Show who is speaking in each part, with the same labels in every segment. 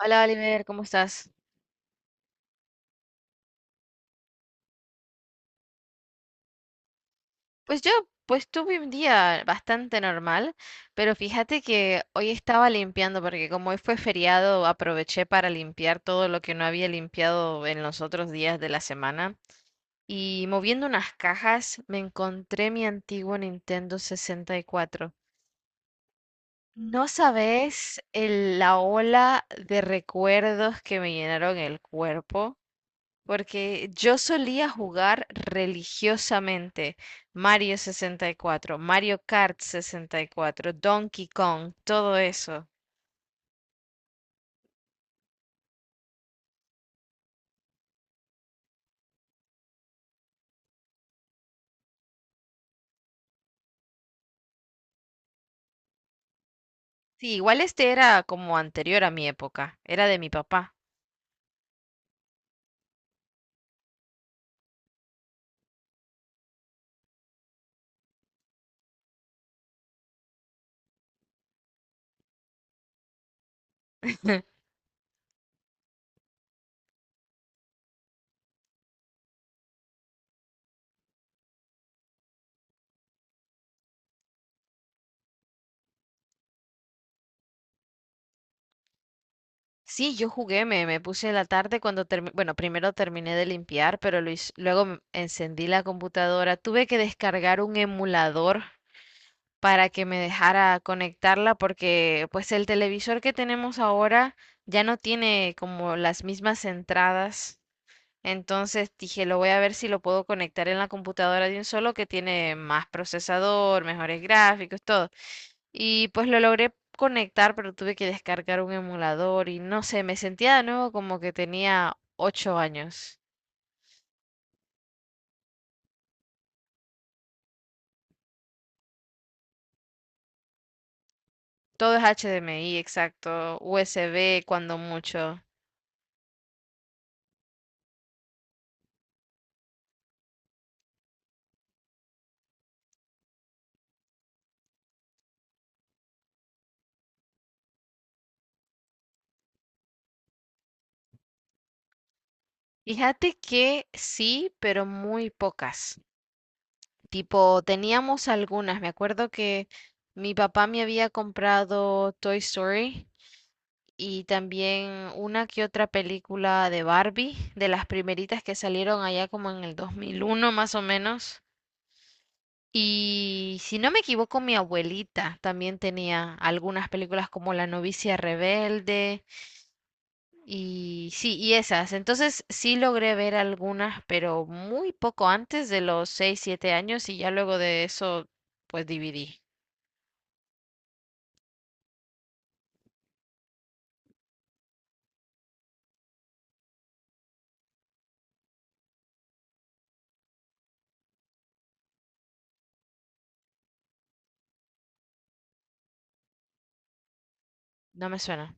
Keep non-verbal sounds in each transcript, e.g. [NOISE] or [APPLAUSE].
Speaker 1: Hola Oliver, ¿cómo estás? Pues yo, pues tuve un día bastante normal, pero fíjate que hoy estaba limpiando porque como hoy fue feriado, aproveché para limpiar todo lo que no había limpiado en los otros días de la semana. Y moviendo unas cajas, me encontré mi antiguo Nintendo 64. No sabes la ola de recuerdos que me llenaron el cuerpo. Porque yo solía jugar religiosamente Mario 64, Mario Kart 64, Donkey Kong, todo eso. Sí, igual este era como anterior a mi época, era de mi papá. [LAUGHS] Sí, yo jugué, me puse en la tarde cuando terminé, bueno, primero terminé de limpiar, pero luego encendí la computadora, tuve que descargar un emulador para que me dejara conectarla porque pues el televisor que tenemos ahora ya no tiene como las mismas entradas. Entonces dije, lo voy a ver si lo puedo conectar en la computadora de un solo que tiene más procesador, mejores gráficos, todo. Y pues lo logré conectar, pero tuve que descargar un emulador y no sé, me sentía de nuevo como que tenía 8 años. Todo es HDMI, exacto, USB cuando mucho. Fíjate que sí, pero muy pocas. Tipo, teníamos algunas. Me acuerdo que mi papá me había comprado Toy Story y también una que otra película de Barbie, de las primeritas que salieron allá como en el 2001 más o menos. Y si no me equivoco, mi abuelita también tenía algunas películas como La novicia rebelde. Y sí, y esas. Entonces sí logré ver algunas, pero muy poco antes de los 6 7 años y ya luego de eso, pues dividí. No me suena.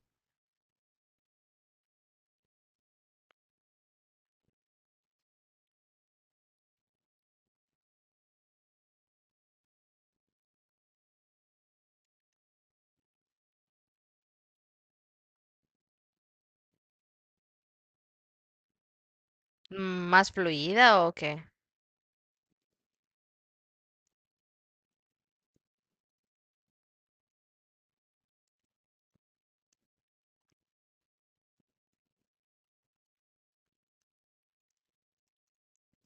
Speaker 1: Mm, ¿Más fluida o qué?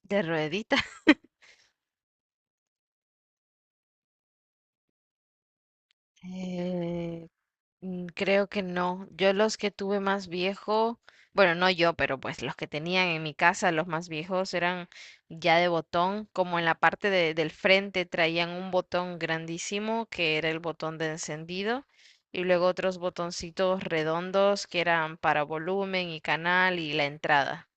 Speaker 1: ¿De ruedita? [LAUGHS] Eh, Creo que no. Yo los que tuve más viejo, bueno, no yo, pero pues los que tenían en mi casa, los más viejos eran ya de botón, como en la parte del frente traían un botón grandísimo que era el botón de encendido y luego otros botoncitos redondos que eran para volumen y canal y la entrada.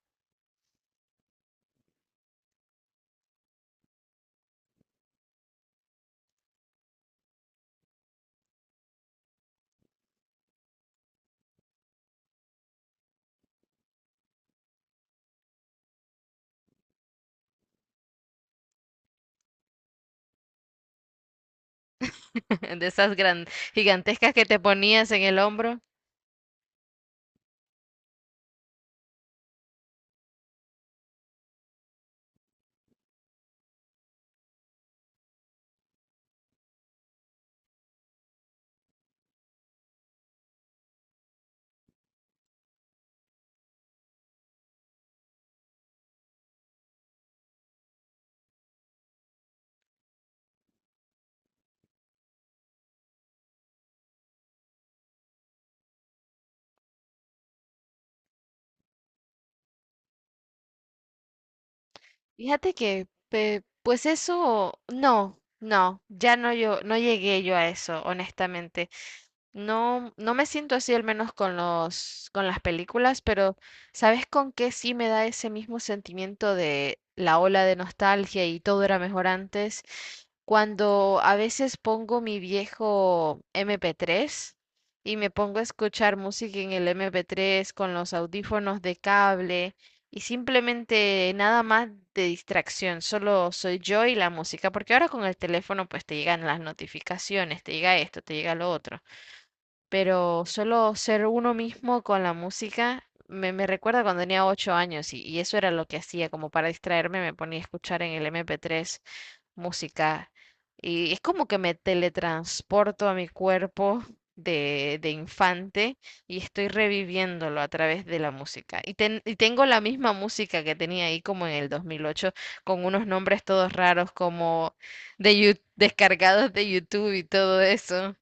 Speaker 1: [LAUGHS] De esas gigantescas que te ponías en el hombro. Fíjate que, pues eso, no, no, ya no yo, no llegué yo a eso, honestamente. No, no me siento así al menos con los, con las películas, pero ¿sabes con qué sí me da ese mismo sentimiento de la ola de nostalgia y todo era mejor antes? Cuando a veces pongo mi viejo MP3 y me pongo a escuchar música en el MP3 con los audífonos de cable y simplemente nada más de distracción, solo soy yo y la música, porque ahora con el teléfono pues te llegan las notificaciones, te llega esto, te llega lo otro, pero solo ser uno mismo con la música me recuerda cuando tenía 8 años y eso era lo que hacía. Como para distraerme me ponía a escuchar en el MP3 música y es como que me teletransporto a mi cuerpo de infante y estoy reviviéndolo a través de la música. Y tengo la misma música que tenía ahí como en el 2008, con unos nombres todos raros como de, descargados de YouTube y todo eso.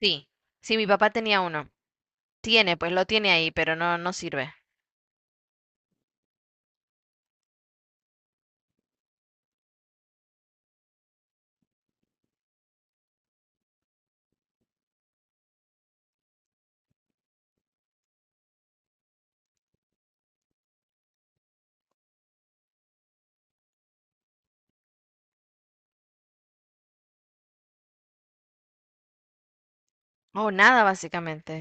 Speaker 1: Sí, sí, mi papá tenía uno. Tiene, pues lo tiene ahí, pero no, no sirve. O nada, básicamente.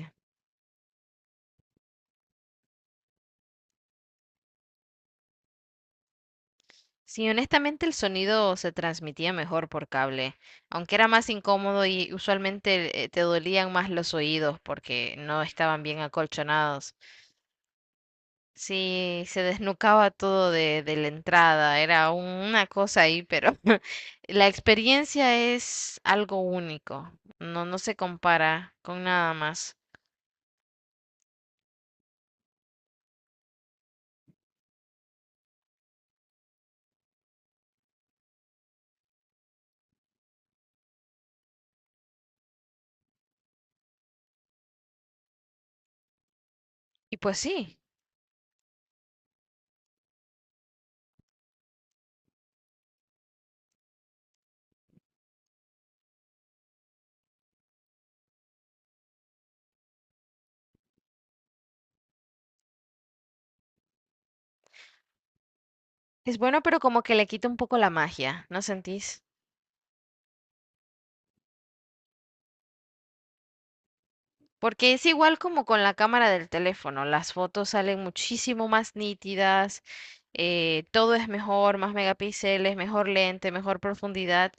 Speaker 1: Sí, honestamente el sonido se transmitía mejor por cable, aunque era más incómodo y usualmente te dolían más los oídos porque no estaban bien acolchonados. Sí, se desnucaba todo de la entrada, era una cosa ahí, pero [LAUGHS] la experiencia es algo único, no, no se compara con nada más. Y pues sí. Es bueno, pero como que le quita un poco la magia, ¿no sentís? Porque es igual como con la cámara del teléfono, las fotos salen muchísimo más nítidas, todo es mejor, más megapíxeles, mejor lente, mejor profundidad,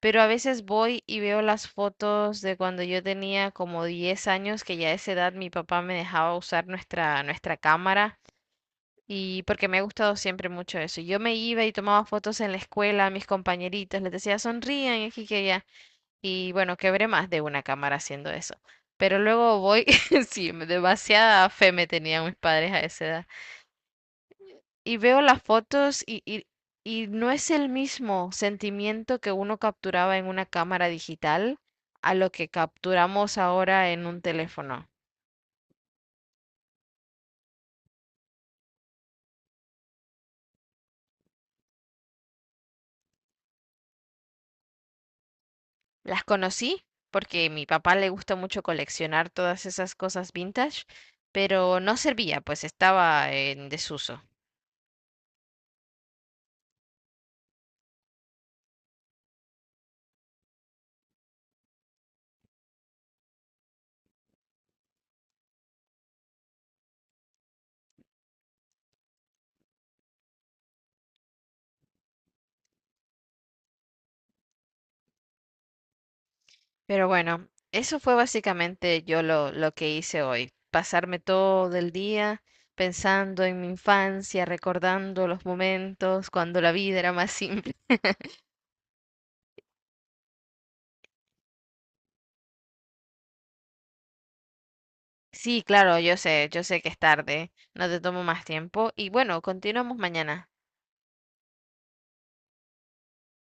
Speaker 1: pero a veces voy y veo las fotos de cuando yo tenía como 10 años, que ya a esa edad mi papá me dejaba usar nuestra cámara. Y porque me ha gustado siempre mucho eso. Yo me iba y tomaba fotos en la escuela a mis compañeritos, les decía sonrían aquí que allá. Y bueno, quebré más de una cámara haciendo eso. Pero luego voy, [LAUGHS] sí, demasiada fe me tenían mis padres a esa edad. Y veo las fotos y no es el mismo sentimiento que uno capturaba en una cámara digital a lo que capturamos ahora en un teléfono. Las conocí porque mi papá le gusta mucho coleccionar todas esas cosas vintage, pero no servía, pues estaba en desuso. Pero bueno, eso fue básicamente yo lo que hice hoy, pasarme todo el día pensando en mi infancia, recordando los momentos cuando la vida era más [LAUGHS] simple. Sí, claro, yo sé que es tarde, no te tomo más tiempo y bueno, continuamos mañana.